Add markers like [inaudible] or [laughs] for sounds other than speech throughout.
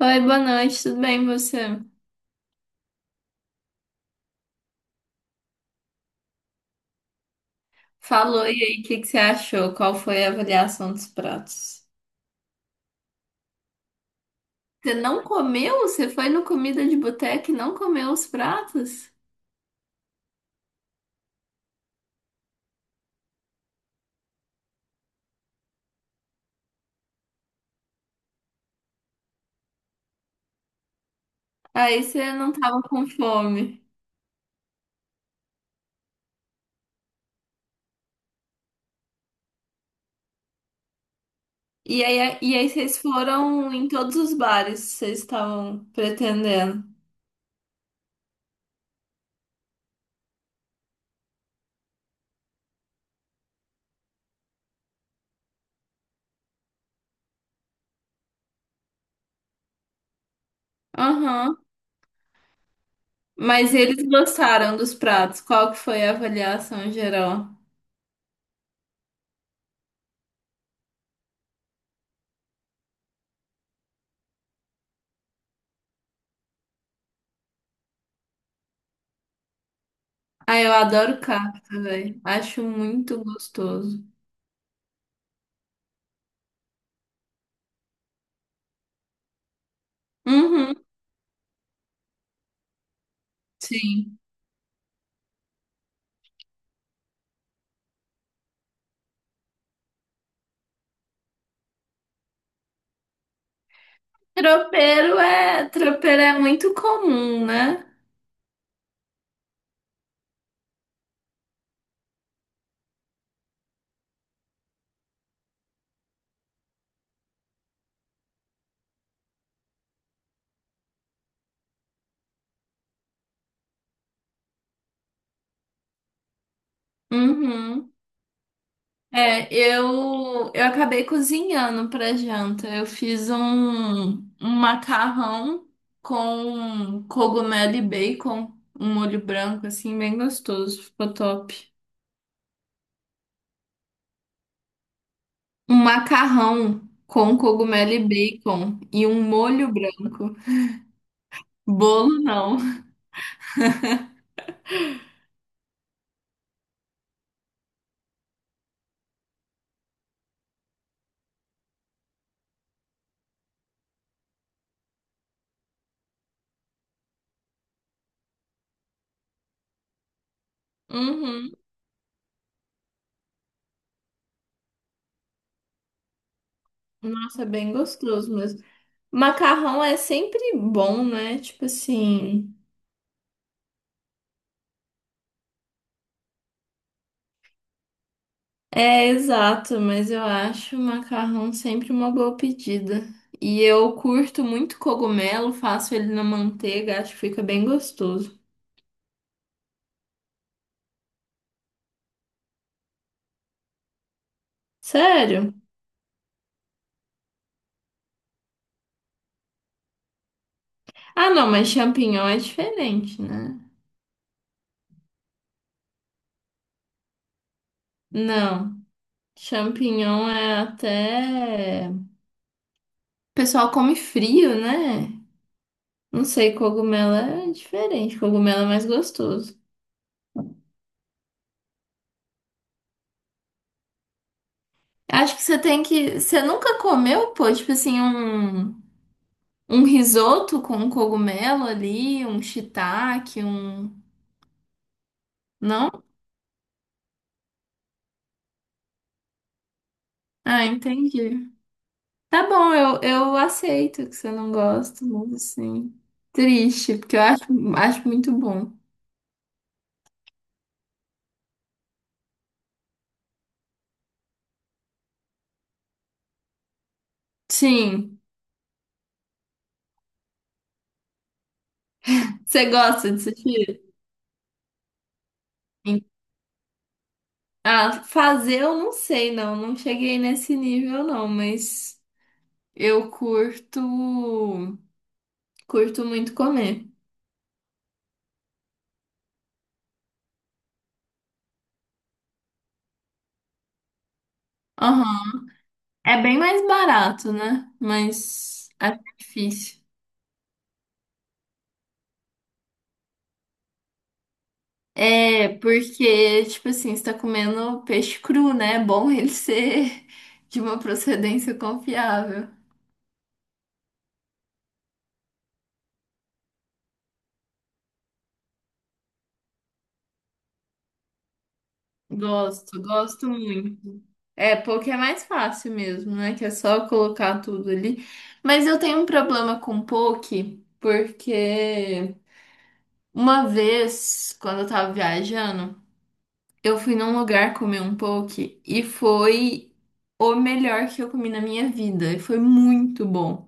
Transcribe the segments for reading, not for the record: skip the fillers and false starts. Oi, boa noite, tudo bem você? Falou, e aí, o que você achou? Qual foi a avaliação dos pratos? Você não comeu? Você foi no comida de boteca e não comeu os pratos? Aí você não tava com fome. E aí vocês foram em todos os bares que vocês estavam pretendendo. Aham. Mas eles gostaram dos pratos. Qual que foi a avaliação geral? Ah, eu adoro cacto, velho. Acho muito gostoso. Uhum. Sim. Tropeiro é muito comum, né? Uhum. É, eu acabei cozinhando para janta. Um macarrão com cogumelo e bacon, um molho branco, assim, bem gostoso. Ficou top. Um macarrão com cogumelo e bacon e um molho branco. Bolo não. Uhum. Nossa, é bem gostoso mesmo. Macarrão é sempre bom, né? Tipo assim. É, exato, mas eu acho o macarrão sempre uma boa pedida. E eu curto muito cogumelo, faço ele na manteiga, acho que fica bem gostoso. Sério? Ah, não, mas champignon é diferente, né? Não, champignon é até. O pessoal come frio, né? Não sei, cogumelo é diferente, cogumelo é mais gostoso. Acho que você tem que. Você nunca comeu, pô, tipo assim, um. Um risoto com um cogumelo ali, um shiitake, um. Não? Ah, entendi. Tá bom, eu aceito que você não gosta, mas assim. Triste, porque eu acho, acho muito bom. Sim. Você gosta de sushi? Sim. Ah, fazer eu não sei, não. Não cheguei nesse nível, não, mas eu curto. Curto muito comer. Aham. É bem mais barato, né? Mas acho difícil. É, porque, tipo assim, você tá comendo peixe cru, né? É bom ele [laughs] ser de uma procedência confiável. Gosto, gosto muito. É, porque é mais fácil mesmo, né? Que é só colocar tudo ali. Mas eu tenho um problema com poke, porque uma vez, quando eu tava viajando, eu fui num lugar comer um poke e foi o melhor que eu comi na minha vida. E foi muito bom.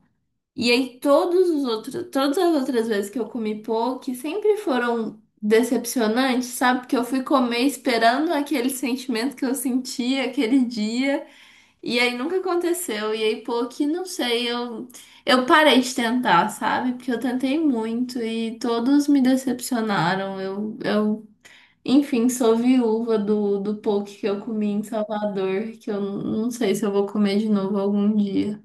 E aí todos os outros, todas as outras vezes que eu comi poke sempre foram decepcionantes, sabe? Porque eu fui comer esperando aquele sentimento que eu sentia aquele dia, e aí nunca aconteceu. E aí poke, não sei, eu parei de tentar, sabe? Porque eu tentei muito e todos me decepcionaram. Eu Enfim, sou viúva do poke que eu comi em Salvador, que eu não sei se eu vou comer de novo algum dia.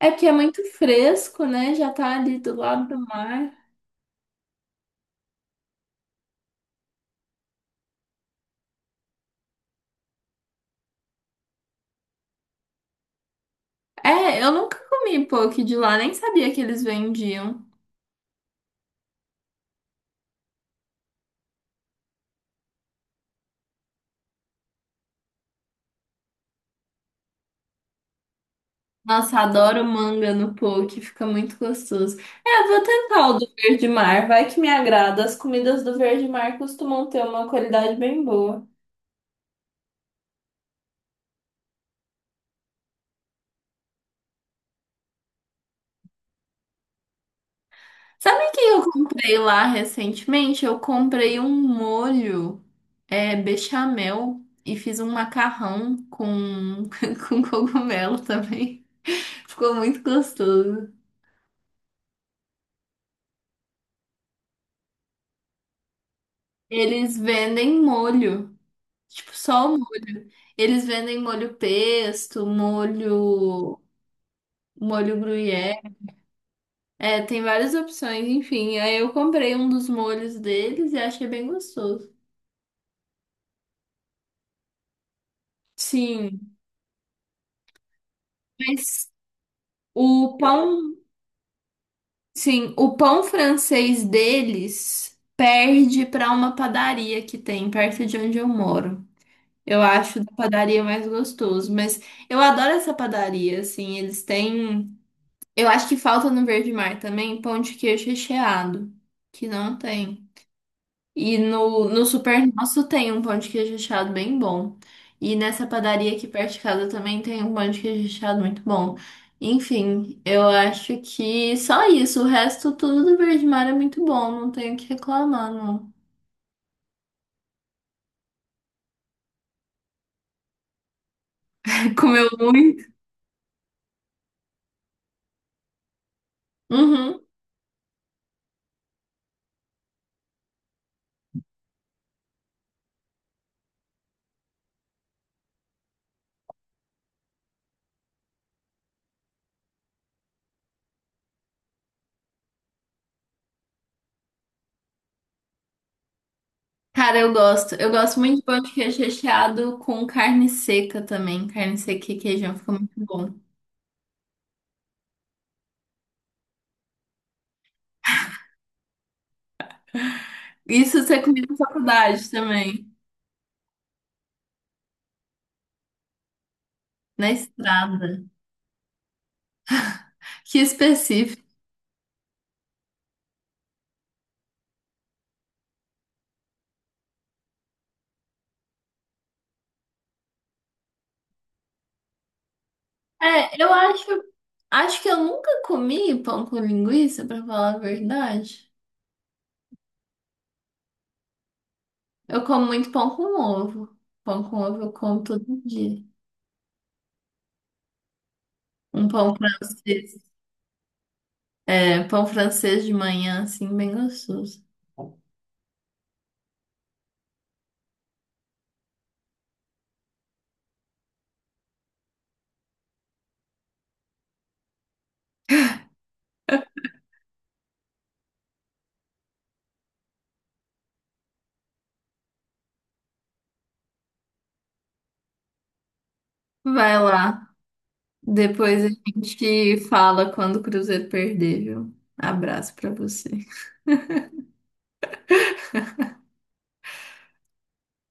É porque é muito fresco, né? Já tá ali do lado do mar. É, eu nunca comi poke de lá, nem sabia que eles vendiam. Nossa, adoro manga no poke, fica muito gostoso. É, eu vou tentar o do Verde Mar, vai que me agrada. As comidas do Verde Mar costumam ter uma qualidade bem boa. Sabe o que eu comprei lá recentemente? Eu comprei um molho bechamel e fiz um macarrão com, [laughs] com cogumelo também. Ficou muito gostoso. Eles vendem molho, tipo só o molho. Eles vendem molho pesto, molho gruyère. É, tem várias opções, enfim. Aí eu comprei um dos molhos deles e achei bem gostoso. Sim, mas o pão, sim, o pão francês deles perde para uma padaria que tem perto de onde eu moro. Eu acho da padaria mais gostoso, mas eu adoro essa padaria, assim, eles têm. Eu acho que falta no Verde Mar também pão de queijo recheado, que não tem. E no, no Super Nosso tem um pão de queijo recheado bem bom. E nessa padaria aqui perto de casa também tem um pão de queijo recheado muito bom. Enfim, eu acho que só isso. O resto tudo do Verde Mar é muito bom, não tenho o que reclamar, não. [laughs] Comeu muito. Uhum. Cara, eu gosto. Eu gosto muito de pão de queijo recheado com carne seca também. Carne seca e queijão fica muito bom. Isso você comia na faculdade também, na estrada. Que específico. É, eu acho, acho que eu nunca comi pão com linguiça, pra falar a verdade. Eu como muito pão com ovo. Pão com ovo eu como todo dia. Um pão francês. É, pão francês de manhã, assim, bem gostoso. Vai lá. Depois a gente fala quando o Cruzeiro perder, viu? Abraço pra você.